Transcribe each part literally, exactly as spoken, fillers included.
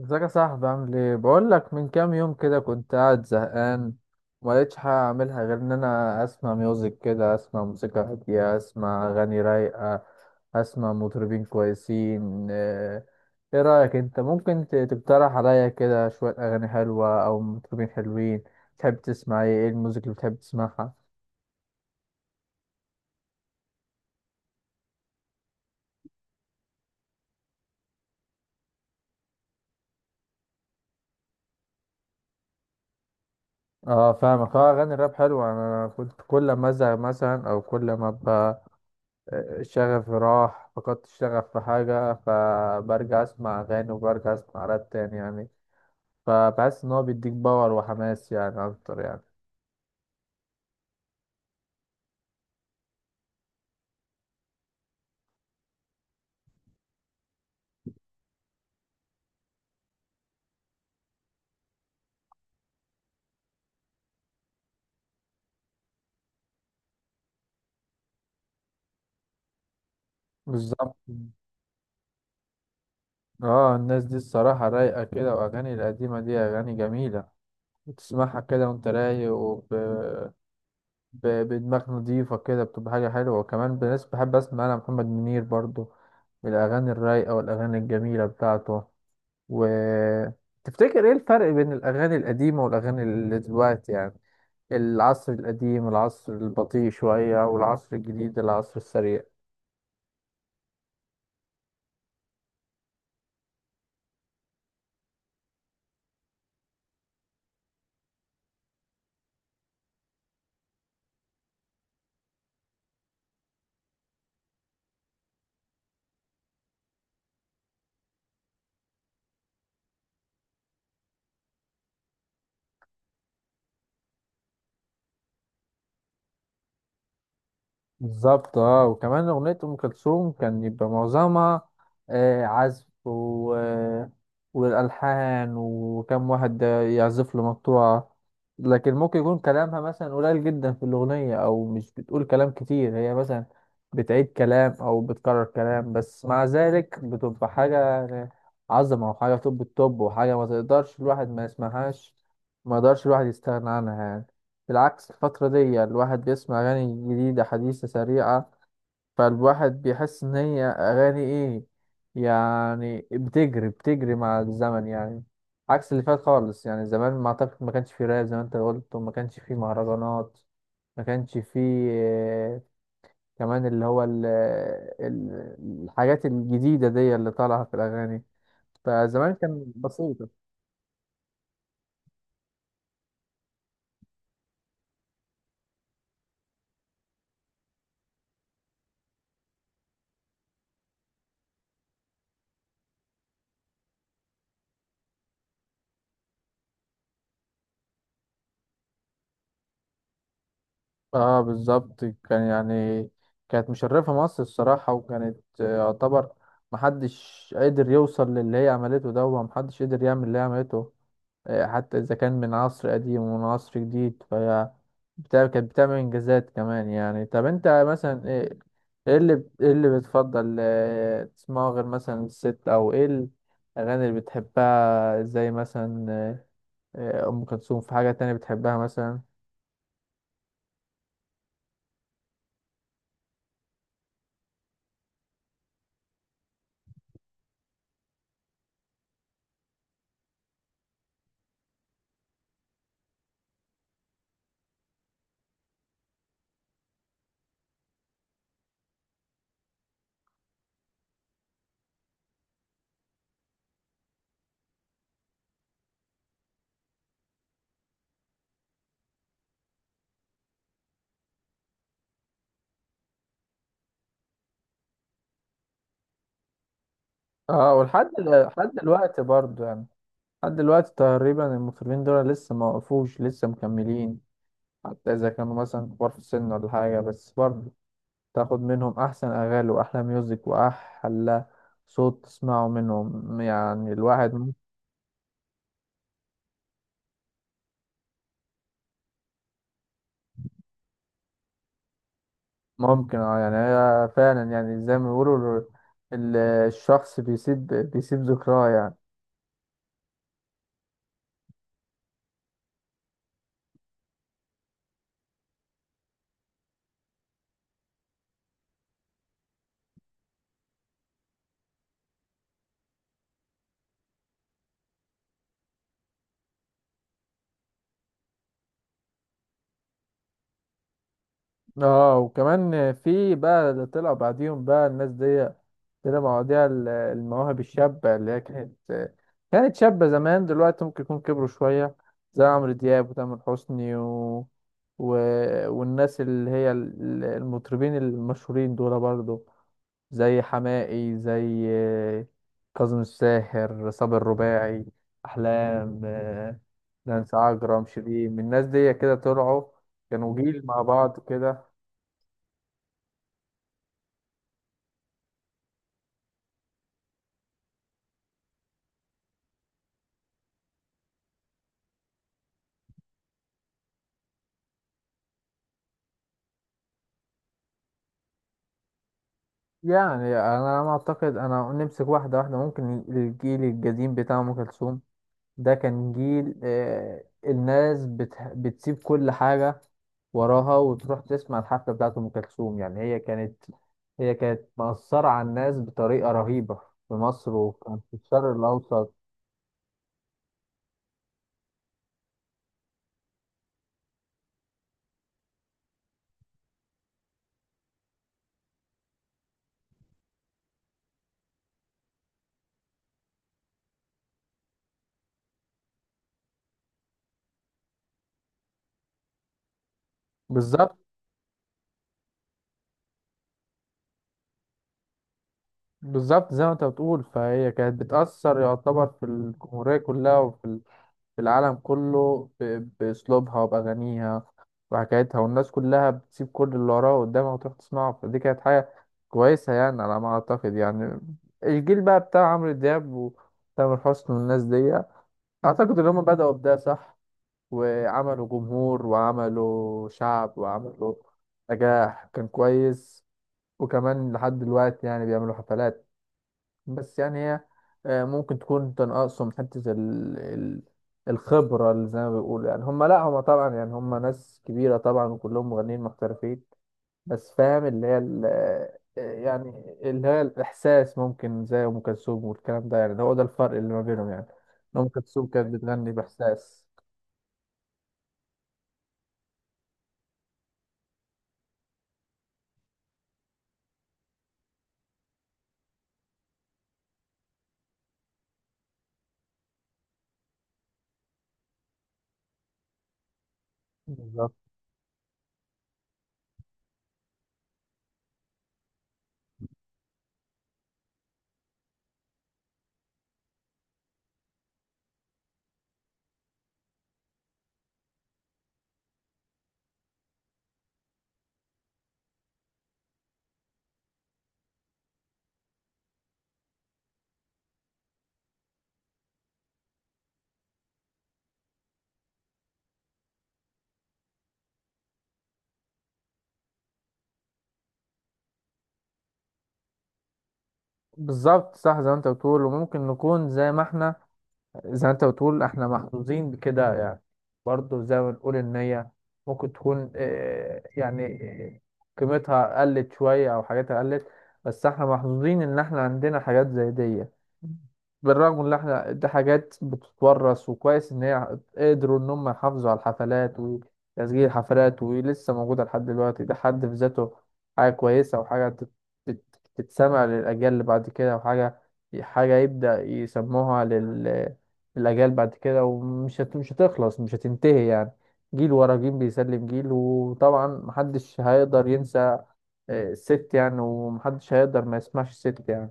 ازيك يا صاحبي؟ عامل ايه؟ بقول لك، من كام يوم كده كنت قاعد زهقان وما لقيتش حاجه اعملها غير ان انا اسمع ميوزك، كده اسمع موسيقى هاديه، اسمع اغاني رايقه، اسمع مطربين كويسين. آه، ايه رايك؟ انت ممكن ت- تقترح عليا كده شويه اغاني حلوه او مطربين حلوين؟ تحب تسمع ايه ايه الموسيقى اللي بتحب تسمعها؟ اه، فاهمك. اه، اغاني الراب حلوه. انا كنت كل ما ازهق مثلا او كل ما ابقى شغفي راح، فقدت الشغف في حاجة، فبرجع أسمع أغاني وبرجع أسمع راب تاني يعني. فبحس إن هو بيديك باور وحماس يعني أكتر يعني. بالظبط. اه، الناس دي الصراحة رايقة كده، وأغاني القديمة دي أغاني جميلة. بتسمعها كده وأنت رايق وب... ب... بدماغ نضيفة كده، بتبقى حاجة حلوة. وكمان بالناس بحب أسمع أنا محمد منير برضو، الأغاني الرايقة والأغاني الجميلة بتاعته. وتفتكر ايه الفرق بين الاغاني القديمه والاغاني اللي دلوقتي يعني؟ العصر القديم العصر البطيء شويه، والعصر الجديد العصر السريع. بالظبط. اه، وكمان أغنية أم كلثوم كان يبقى معظمها آه، عزف و... آه، والألحان، وكم واحد يعزف له مقطوعة. لكن ممكن يكون كلامها مثلا قليل جدا في الأغنية، أو مش بتقول كلام كتير. هي مثلا بتعيد كلام أو بتكرر كلام، بس مع ذلك بتبقى حاجة يعني عظمة، وحاجة توب التوب، وحاجة ما تقدرش الواحد ما يسمعهاش، ما يقدرش الواحد يستغنى عنها يعني. بالعكس، الفترة دي الواحد بيسمع أغاني جديدة حديثة سريعة، فالواحد بيحس إن هي أغاني إيه يعني، بتجري بتجري مع الزمن يعني، عكس اللي فات خالص. يعني زمان ما أعتقد ما كانش فيه راب زي ما أنت قلت، وما كانش فيه مهرجانات، ما كانش فيه آه، كمان اللي هو ال- ال- الحاجات الجديدة دي اللي طالعة في الأغاني. فزمان كان بسيط. اه بالظبط، كان يعني كانت مشرفة مصر الصراحة. وكانت آه، يعتبر محدش قدر يوصل للي هي عملته ده، ومحدش قدر يعمل اللي هي عملته. آه، حتى إذا كان من عصر قديم ومن عصر جديد، فهي بتاع كانت بتعمل إنجازات كمان يعني. طب أنت مثلا إيه؟ إيه اللي بت- إيه اللي بتفضل آه، تسمعه غير مثلا الست؟ أو إيه الأغاني اللي بتحبها؟ زي مثلا آه، آه، أم كلثوم، في حاجة تانية بتحبها مثلا؟ اه، ولحد دل- لحد دلوقتي برضو يعني، لحد دلوقتي تقريبا المطربين دول لسه ما وقفوش، لسه مكملين. حتى اذا كانوا مثلا كبار في السن ولا حاجه، بس برضو تاخد منهم احسن اغاني واحلى ميوزك واحلى صوت تسمعه منهم يعني. الواحد مم- ممكن اه، يعني هي فعلا يعني زي ما بيقولوا، ال- الشخص بيسيب بيسيب ذكراه يعني. اه وكمان في بقى اللي طلع بعديهم بقى الناس دي، طلع مواضيع ال- المواهب الشابة اللي هي كانت كانت شابة زمان، دلوقتي ممكن يكون كبروا شوية، زي عمرو دياب وتامر حسني و... و... والناس اللي هي ال- المطربين المشهورين دول برضو، زي حماقي، زي كاظم الساهر، صابر الرباعي، أحلام، آه، نانسي عجرم، شيرين. الناس دي كده طلعوا، كانوا جيل مع بعض كده. يعني انا ما اعتقد، انا نمسك واحده واحده. ممكن الجيل القديم بتاع ام كلثوم ده كان جيل آه، الناس بتح... بتسيب كل حاجه وراها وتروح تسمع الحفله بتاعت ام كلثوم، يعني هي كانت هي كانت مأثره على الناس بطريقه رهيبه في مصر، وكان في الشرق الاوسط. بالظبط. بالظبط زي ما انت بتقول، فهي كانت بتأثر يعتبر في الجمهوريه كلها وفي في العالم كله ب- بأسلوبها وبأغانيها وحكايتها، والناس كلها بتسيب كل اللي وراها قدامها وتروح تسمعه. فدي كانت حاجة كويسة يعني، على ما أعتقد يعني. الجيل بقى بتاع عمرو دياب وتامر حسني والناس دي، أعتقد إن هم بدأوا بده صح، وعملوا جمهور وعملوا شعب وعملوا نجاح كان كويس. وكمان لحد دلوقتي يعني بيعملوا حفلات. بس يعني هي آه، ممكن تكون تنقصهم حتة ال... ال... الخبرة، اللي زي ما بيقولوا يعني. هم لا، هم طبعا يعني هم ناس كبيرة طبعا، وكلهم مغنيين محترفين. بس فاهم اللي هي ال... آه، يعني اللي هي الإحساس، ممكن زي أم كلثوم والكلام ده، يعني هو ده الفرق اللي ما بينهم يعني، إن أم كلثوم كانت بتغني بإحساس. بالظبط. بالظبط صح، زي ما أنت بتقول. وممكن نكون زي ما إحنا، زي ما انت بتقول احنا محظوظين بكده يعني. برضه زي ما بنقول، ان هي ممكن تكون آه، يعني آه، قيمتها قلت شوية او حاجاتها قلت، بس احنا محظوظين ان احنا عندنا حاجات زي دي. بالرغم ان احنا دي حاجات بتتورث، وكويس ان هي قدروا ان هم يحافظوا على الحفلات، وتسجيل الحفلات ولسه موجودة لحد دلوقتي. ده حد في ذاته حاجة كويسة، وحاجة تت- تت- تتسمع للأجيال اللي بعد كده، وحاجة حاجة يبدأ يسموها الأجيال بعد كده. ومش هت... مش هتخلص، مش هتنتهي يعني. جيل ورا جيل بيسلم جيل. وطبعا محدش هيقدر ينسى آه، الست يعني، ومحدش هيقدر ما يسمعش الست يعني.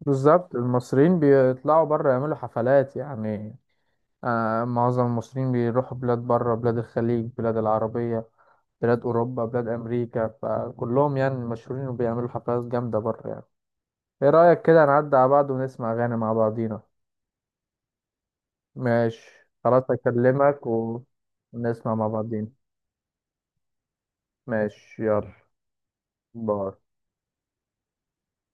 بالظبط، المصريين بيطلعوا بره يعملوا حفلات يعني. آه، معظم المصريين بيروحوا بلاد بره، بلاد الخليج، بلاد العربية، بلاد أوروبا، بلاد أمريكا، فكلهم يعني مشهورين وبيعملوا حفلات جامدة بره يعني. إيه رأيك كده نعدي على بعض ونسمع أغاني مع بعضينا؟ ماشي خلاص، أكلمك. و- ونسمع مع بعضين. ماشي، يلا، باي.